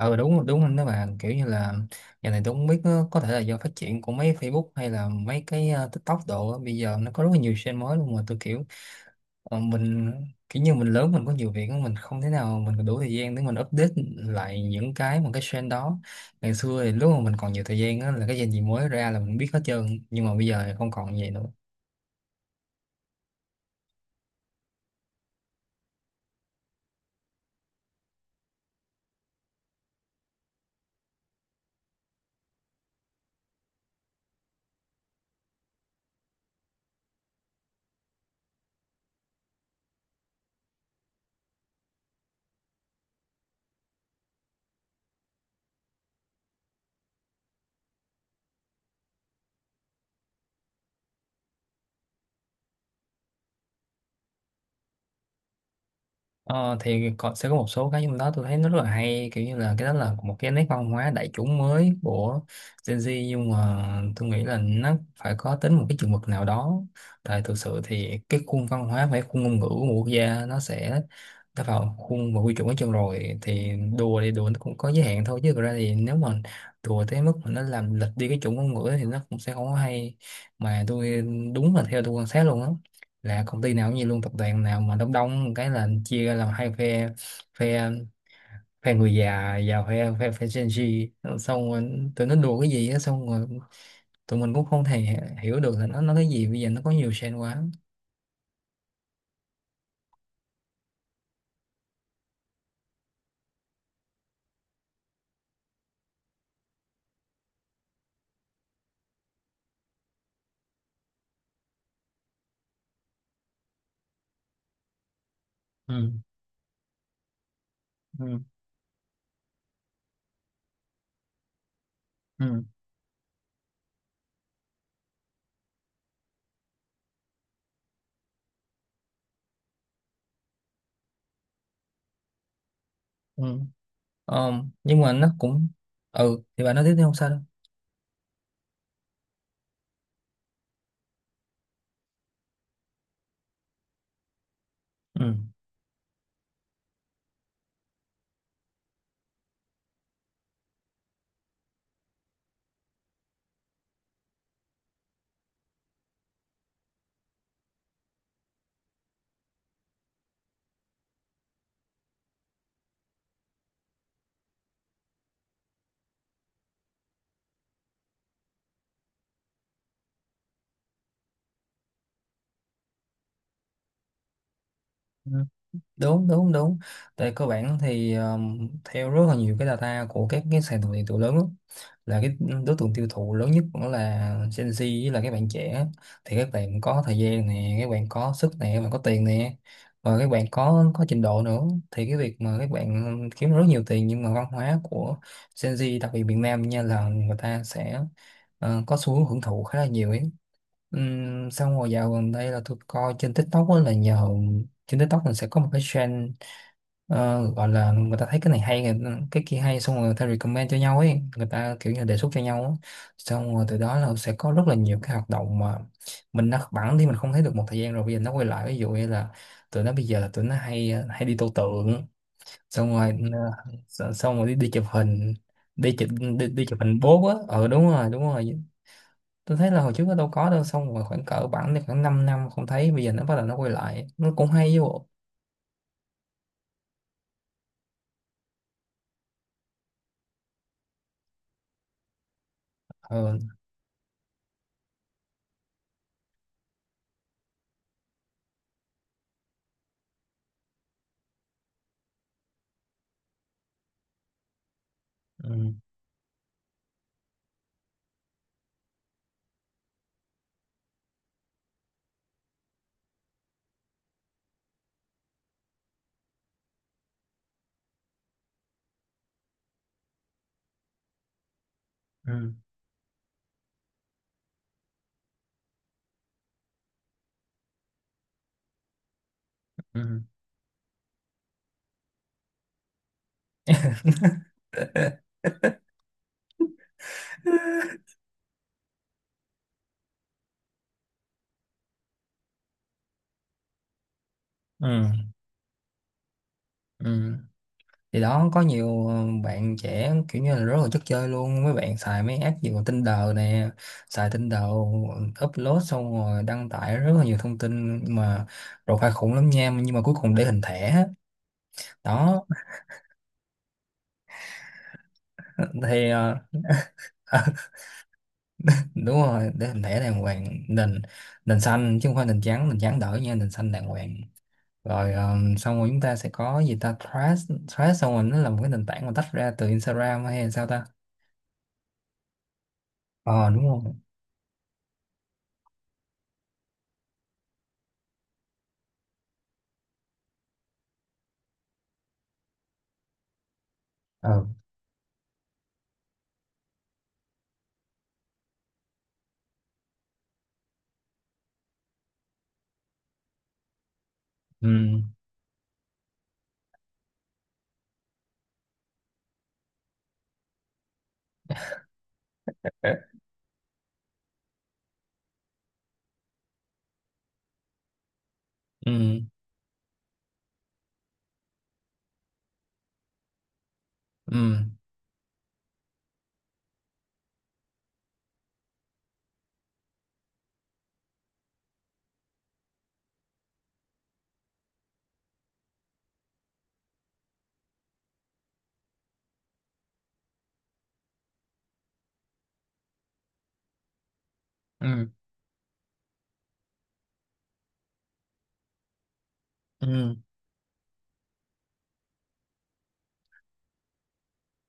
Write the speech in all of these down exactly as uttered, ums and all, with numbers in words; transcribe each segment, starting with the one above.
Ừ, đúng đúng. Anh đó bà kiểu như là giờ này tôi không biết, ờ, có thể là do phát triển của mấy Facebook hay là mấy cái ờ, TikTok đồ á. Bây giờ nó có rất là nhiều trend mới luôn mà tôi kiểu ờ, mình kiểu như mình lớn, mình có nhiều việc á, mình không thể nào mình đủ thời gian để mình update lại những cái mà cái trend đó. Ngày xưa thì lúc mà mình còn nhiều thời gian á, là cái trend gì mới ra là mình biết hết trơn, nhưng mà bây giờ thì không còn vậy nữa. Ờ, thì có, sẽ có một số cái trong đó tôi thấy nó rất là hay, kiểu như là cái đó là một cái nét văn hóa đại chúng mới của Gen Z, nhưng mà tôi nghĩ là nó phải có tính một cái chừng mực nào đó. Tại thực sự thì cái khuôn văn hóa và cái khuôn ngôn ngữ của một quốc gia nó sẽ đã vào khuôn và quy chuẩn ở chân rồi, thì đùa thì đùa nó cũng có giới hạn thôi, chứ thực ra thì nếu mà đùa tới mức mà nó làm lệch đi cái chuẩn ngôn ngữ thì nó cũng sẽ không có hay. Mà tôi, đúng là theo tôi quan sát luôn á, là công ty nào cũng như luôn, tập đoàn nào mà đông đông cái là chia ra làm hai phe phe phe người già và phe phe phe Gen Z. Xong rồi tụi nó đùa cái gì á, xong rồi tụi mình cũng không thể hiểu được là nó nói cái gì. Bây giờ nó có nhiều trend quá. Ừ. Ừ. Ừ. Ừ. Ờ, nhưng mà nó cũng. Ừ, thì bạn nói tiếp đi, không sao đâu. Ừ, đúng đúng đúng. Tại cơ bản thì um, theo rất là nhiều cái data của các cái sàn thương mại điện tử lớn á, là cái đối tượng tiêu thụ lớn nhất cũng là Gen Z với là các bạn trẻ. Thì các bạn có thời gian nè, các bạn có sức nè, các bạn có tiền nè, và các bạn có có trình độ nữa. Thì cái việc mà các bạn kiếm rất nhiều tiền, nhưng mà văn hóa của Gen Z đặc biệt miền Nam nha, là người ta sẽ ờ, có xu hướng hưởng thụ khá là nhiều ấy. Ừm, xong rồi dạo gần đây là tôi coi trên TikTok á, là nhờ trên TikTok mình sẽ có một cái trend ờ, gọi là người ta thấy cái này hay, người- cái kia hay, xong rồi người ta recommend cho nhau ấy, người ta kiểu như đề xuất cho nhau á. Xong rồi từ đó là sẽ có rất là nhiều cái hoạt động mà mình đã bẵng đi, mình không thấy được một thời gian rồi, bây giờ nó quay lại. Ví dụ như là tụi nó bây giờ là tụi nó hay ờ, hay đi tô tượng. Xong rồi ờ, xong rồi đi, đi chụp hình, đi chụp, đi, đi chụp hình bố á. Ờ, đúng rồi đúng rồi. Tôi thấy là hồi trước nó đâu có đâu, xong rồi khoảng cỡ bản thì khoảng 5 năm không thấy, bây giờ nó bắt đầu nó quay lại, nó cũng hay chứ bộ. Ừ. Ừ. Ừ. Ừ. Ừ. Ừ. Thì đó có nhiều ờ, bạn trẻ kiểu như là rất là chất chơi luôn, mấy bạn xài mấy app gì còn Tinder nè, xài Tinder upload xong rồi đăng tải rất là nhiều thông tin, mà profile khủng lắm nha, nhưng mà cuối cùng để hình thẻ á. Đó thì ờ, đúng rồi, để hình thẻ đàng hoàng, nền nền xanh chứ không phải nền trắng, nền trắng đỡ nha, nền xanh đàng hoàng rồi. Um, xong rồi chúng ta sẽ có gì ta, Threads Threads xong rồi, nó là một cái nền tảng mà tách ra từ Instagram hay là sao ta? Ờ, đúng không? Ờ. Ừ. Ờ. Ừ. Ừ. Ừ. Ừ.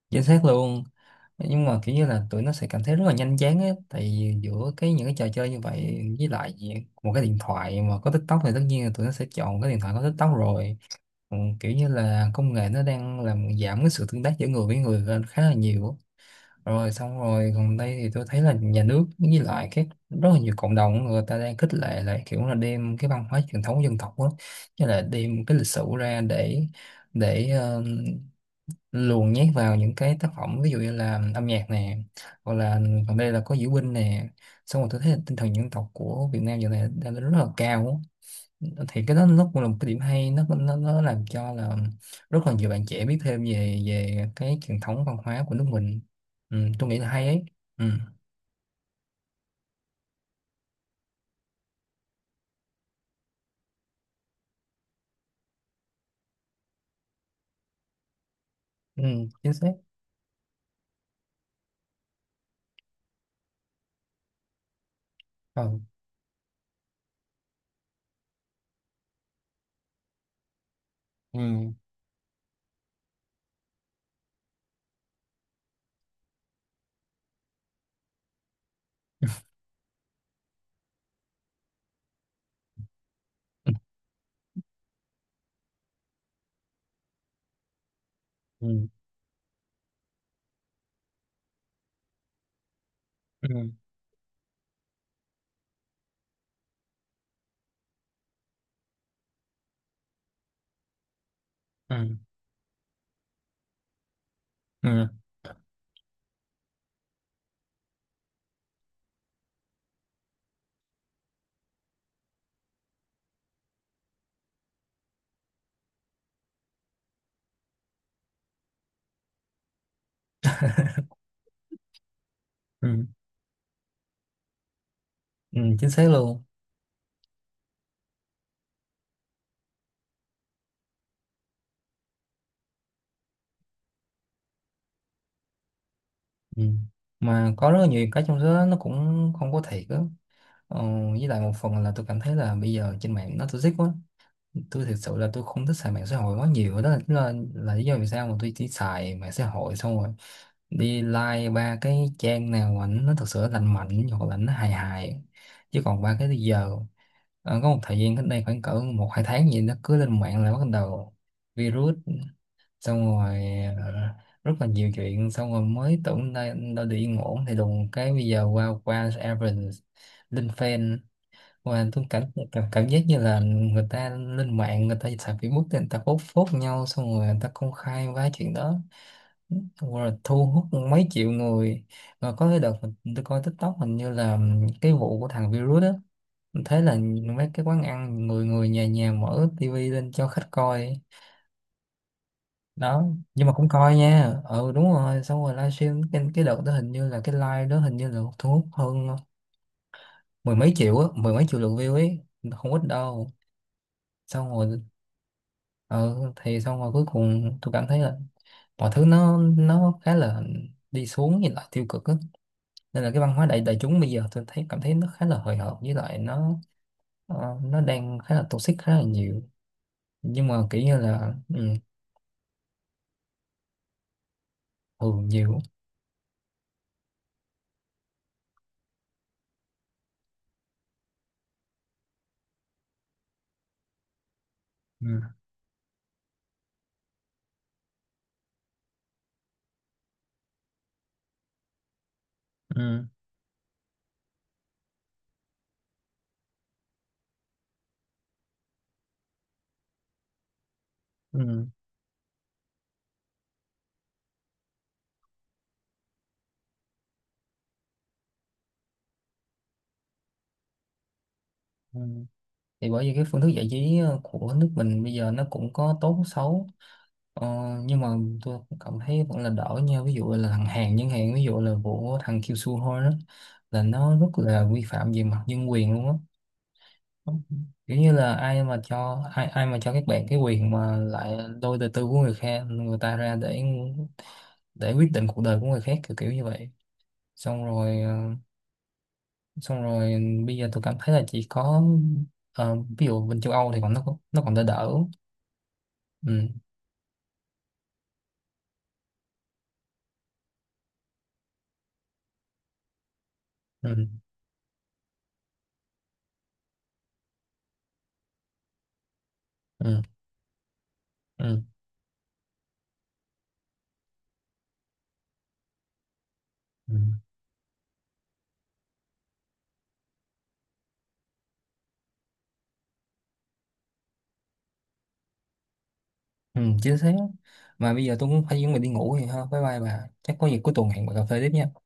Chính xác luôn. Nhưng mà kiểu như là tụi nó sẽ cảm thấy rất là nhanh chán á, tại vì giữa cái những cái trò chơi như vậy với lại một cái điện thoại mà có TikTok thì tất nhiên là tụi nó sẽ chọn cái điện thoại có TikTok rồi. Ừ, kiểu như là công nghệ nó đang làm giảm cái sự tương tác giữa người với người lên khá là nhiều á. Rồi xong rồi gần đây thì tôi thấy là nhà nước với lại các rất là nhiều cộng đồng người ta đang khích lệ lại, kiểu là đem cái văn hóa truyền thống dân tộc đó, như là đem cái lịch sử ra để để ờ, luồn nhét vào những cái tác phẩm, ví dụ như là âm nhạc nè, hoặc là còn đây là có diễu binh nè. Xong rồi tôi thấy là tinh thần dân tộc của Việt Nam giờ này đang rất là cao á. Thì cái đó nó cũng là một cái điểm hay, nó nó nó làm cho là rất là nhiều bạn trẻ biết thêm về về cái truyền thống văn hóa của nước mình. Ừ, tôi nghĩ là hay ấy. Ừ, ừ, chính xác. Ừ. Ừ. Ừ. Ừ. Ừ. Ừ. Ừ. Ừ. Ừ. Chính xác luôn. Ừ. Mà có rất là nhiều cái trong số đó nó cũng không có thiệt á. ờ, với lại một phần là tôi cảm thấy là bây giờ trên mạng nó toxic quá. Tôi thực sự là tôi không thích xài mạng xã hội quá nhiều, đó là, là, là lý do vì sao mà tôi chỉ xài mạng xã hội, xong rồi đi like ba cái trang nào mà nó thật sự lành mạnh hoặc là nó hài hài, chứ còn ba cái bây giờ ờ, có một thời gian cách đây khoảng cỡ một hai tháng gì, nó cứ lên mạng là bắt đầu virus. Xong rồi ờ, rất là nhiều chuyện, xong rồi mới tưởng đây đâu được yên ổn, thì đùng cái bây giờ qua qua Evans lên fan. Và tôi cảm, cảm cảm giác như là người ta lên mạng, người ta xài Facebook thì người ta post phốt nhau, xong rồi người ta công khai quá chuyện đó. Đúng rồi, thu hút mấy triệu người. Và có cái đợt mình tôi coi TikTok, hình như là cái vụ của thằng virus đó. Mình thấy là mấy cái quán ăn người người nhà nhà mở tivi lên cho khách coi. Đó. Nhưng mà cũng coi nha, ừ đúng rồi. Xong rồi livestream cái, cái đợt đó, hình như là cái live đó hình như là thu hút hơn mười mấy triệu á, mười mấy triệu lượt view ấy, không ít đâu. Xong rồi ừ, thì xong rồi cuối cùng tôi cảm thấy là mọi thứ nó nó khá là đi xuống, nhìn lại tiêu cực á. Nên là cái văn hóa đại đại chúng bây giờ tôi thấy cảm thấy nó khá là hời hợt, với lại nó ờ, nó đang khá là toxic khá là nhiều. Nhưng mà kiểu như là ừ, thường nhiều. Ừ, ừ, ừ, ừ. Thì bởi vì cái phương thức giải trí ờ, của nước mình bây giờ nó cũng có tốt xấu. Ờ, nhưng mà tôi cũng cảm thấy vẫn là đỡ nha, ví dụ là thằng Hàn chẳng hạn, ví dụ là vụ thằng Kiều Su thôi đó, là nó rất là vi phạm về mặt nhân quyền luôn á. Kiểu như là ai mà cho ai, ai mà cho các bạn cái quyền mà lại lôi đời tư của người khác, người ta ra để để quyết định cuộc đời của người khác, kiểu kiểu như vậy. Xong rồi ờ, xong rồi bây giờ tôi cảm thấy là chỉ có ờ, ví dụ bên châu Âu thì còn nó còn- nó còn đỡ đỡ. Ừ. Ừ. Ừ. Ừ. Ừ, ừ, chính xác. Mà bây giờ tôi cũng phải chuẩn bị đi ngủ rồi ha, bye bye bà, chắc có gì cuối tuần hẹn bà cà phê tiếp nha.